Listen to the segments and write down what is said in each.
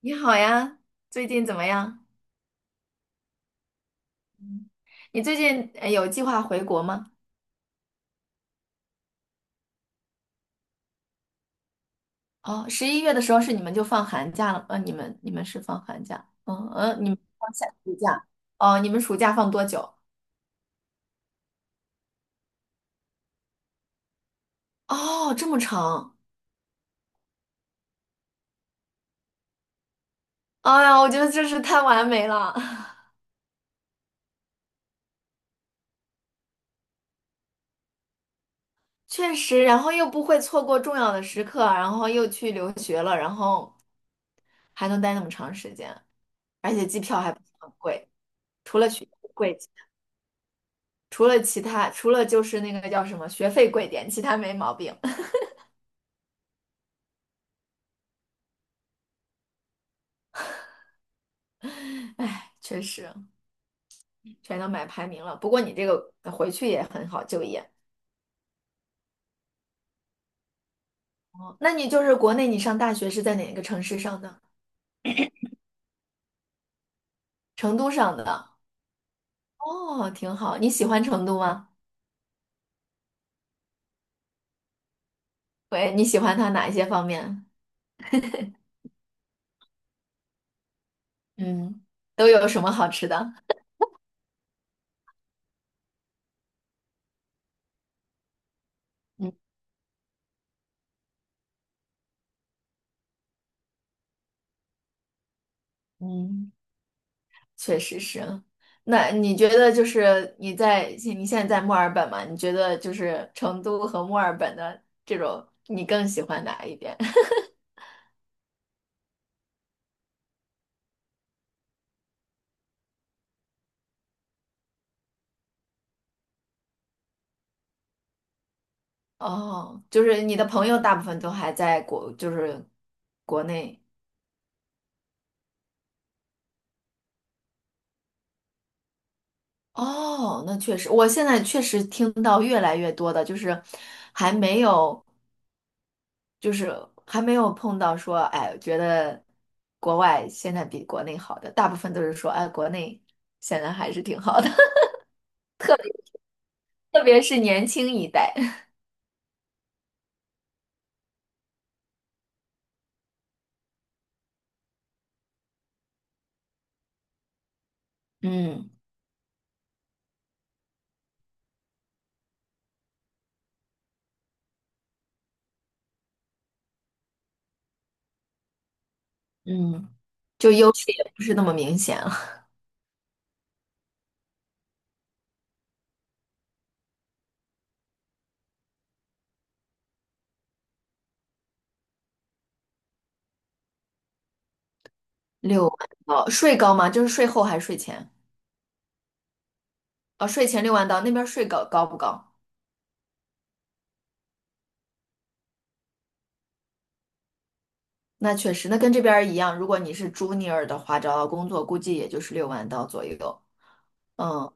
你好呀，最近怎么样？嗯，你最近有计划回国吗？哦，11月的时候是你们就放寒假了，你们是放寒假，嗯嗯，你们放夏暑假，哦，你们暑假放多久？哦，这么长，哎呀，我觉得真是太完美了，确实，然后又不会错过重要的时刻，然后又去留学了，然后还能待那么长时间，而且机票还不是很贵，除了学费贵。除了其他，除了就是那个叫什么学费贵点，其他没毛病。唉，确实全都买排名了。不过你这个回去也很好就业。哦那你就是国内你上大学是在哪个城市上的？成都上的。哦，挺好。你喜欢成都吗？喂，你喜欢它哪一些方面？嗯，都有什么好吃的？嗯嗯。确实是。那你觉得就是你在你现在在墨尔本嘛？你觉得就是成都和墨尔本的这种，你更喜欢哪一边？哦，就是你的朋友大部分都还在国，就是国内。哦，那确实，我现在确实听到越来越多的，就是还没有，就是还没有碰到说，哎，觉得国外现在比国内好的，大部分都是说，哎，国内现在还是挺好的。特别是年轻一代，嗯嗯，就优势也不是那么明显了。六万刀，税高吗？就是税后还是税前？哦，税前六万刀，那边税高不高？那确实，那跟这边儿一样。如果你是 junior 的话，找到工作估计也就是六万刀左右。嗯，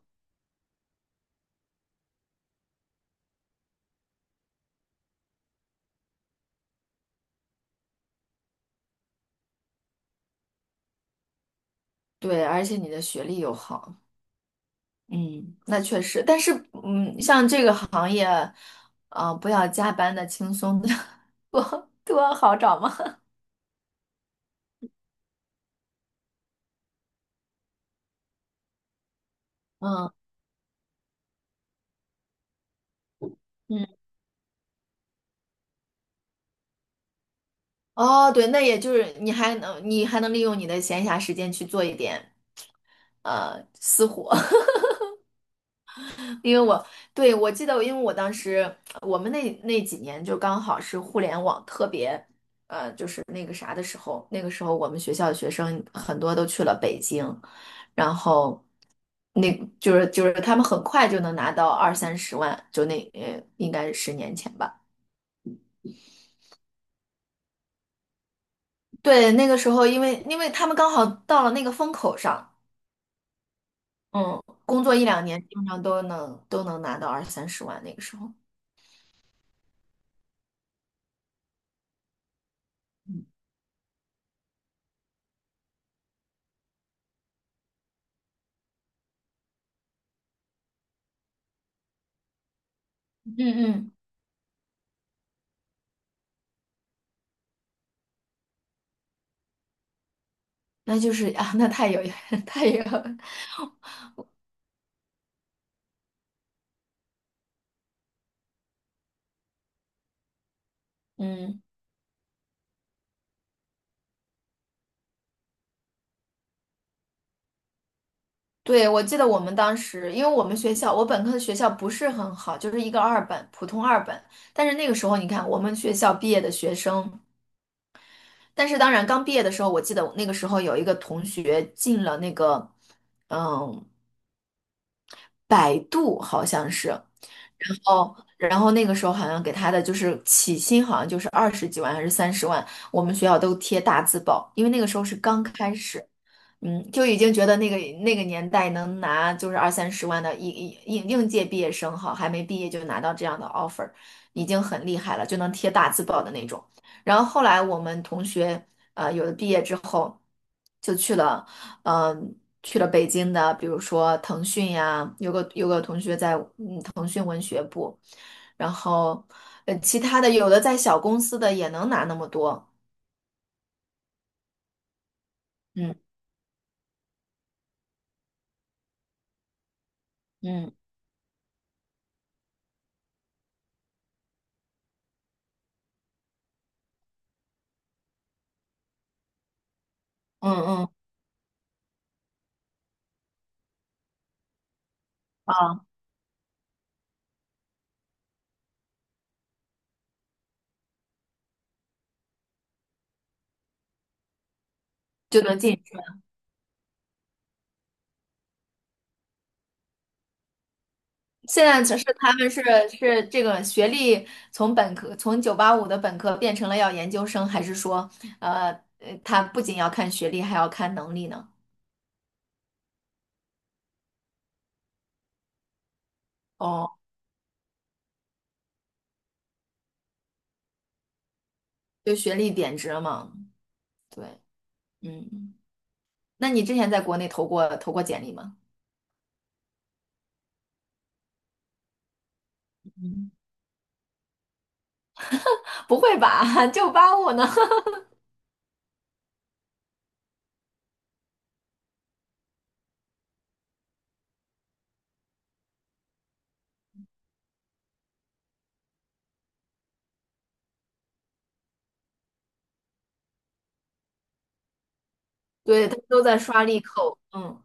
对，而且你的学历又好，嗯，那确实。但是，嗯，像这个行业，啊、不要加班的，轻松的 多好找吗？嗯嗯。哦，对，那也就是你还能利用你的闲暇时间去做一点私活，因为我对我记得，因为我当时我们那几年就刚好是互联网特别就是那个啥的时候，那个时候我们学校的学生很多都去了北京，然后那就是他们很快就能拿到二三十万，就那应该是10年前吧。对，那个时候因为他们刚好到了那个风口上。嗯，工作一两年，基本上都能拿到二三十万那个时候。嗯嗯，那就是啊，那太有 太有，嗯，对，我记得我们当时，因为我们学校，我本科的学校不是很好，就是一个二本，普通二本。但是那个时候，你看我们学校毕业的学生，但是当然刚毕业的时候，我记得那个时候有一个同学进了那个，嗯，百度好像是。然后，那个时候好像给他的就是起薪，好像就是20几万还是三十万，我们学校都贴大字报，因为那个时候是刚开始，嗯，就已经觉得那个年代能拿就是二三十万的应届毕业生哈，还没毕业就拿到这样的 offer，已经很厉害了，就能贴大字报的那种。然后后来我们同学有的毕业之后就去了，嗯、去了北京的，比如说腾讯呀，有个同学在。然后，其他的有的在小公司的也能拿那么多，嗯嗯嗯嗯，啊，就能进去。现在只是他们是这个学历从本科从九八五的本科变成了要研究生，还是说，呃，他不仅要看学历，还要看能力呢？哦，就学历贬值了嘛？对，嗯，那你之前在国内投过简历吗？嗯，不会吧，九八五呢？对，他们都在刷利扣，嗯。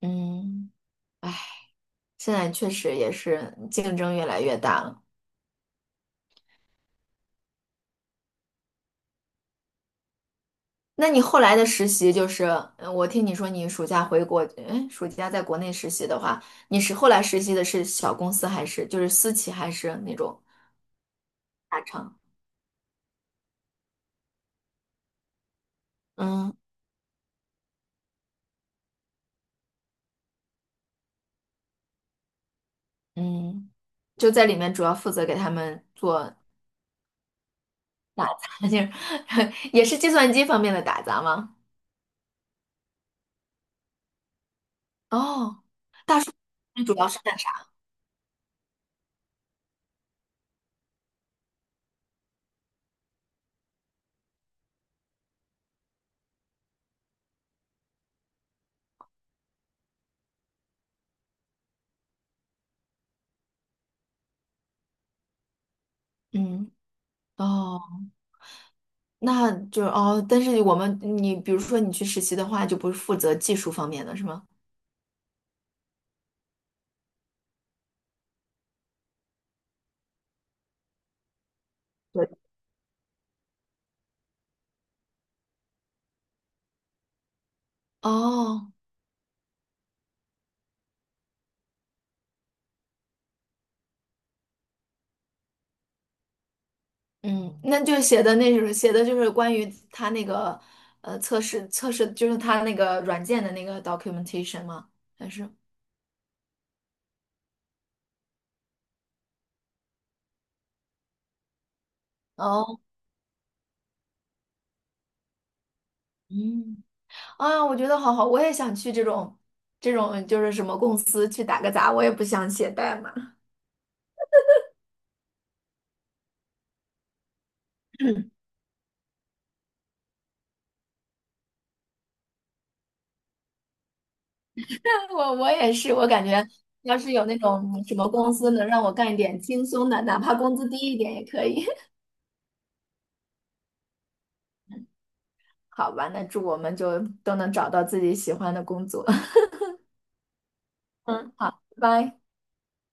嗯，唉。现在确实也是竞争越来越大了。那你后来的实习就是，嗯我听你说你暑假回国，哎，暑假在国内实习的话，你是后来实习的是小公司还是就是私企还是那种大厂？嗯嗯，就在里面主要负责给他们做打杂，就是 也是计算机方面的打杂吗？哦，那主要是干啥？嗯，哦，那就是哦，但是我们你比如说你去实习的话，就不是负责技术方面的是吗？对。哦，嗯，那就写的那种，写的就是关于他那个测试，就是他那个软件的那个 documentation 吗？还是哦，嗯，啊，我觉得好好，我也想去这种就是什么公司去打个杂，我也不想写代码。我也是，我感觉要是有那种什么公司能让我干一点轻松的，哪怕工资低一点也可以。好吧，那祝我们就都能找到自己喜欢的工作。嗯，好，拜拜。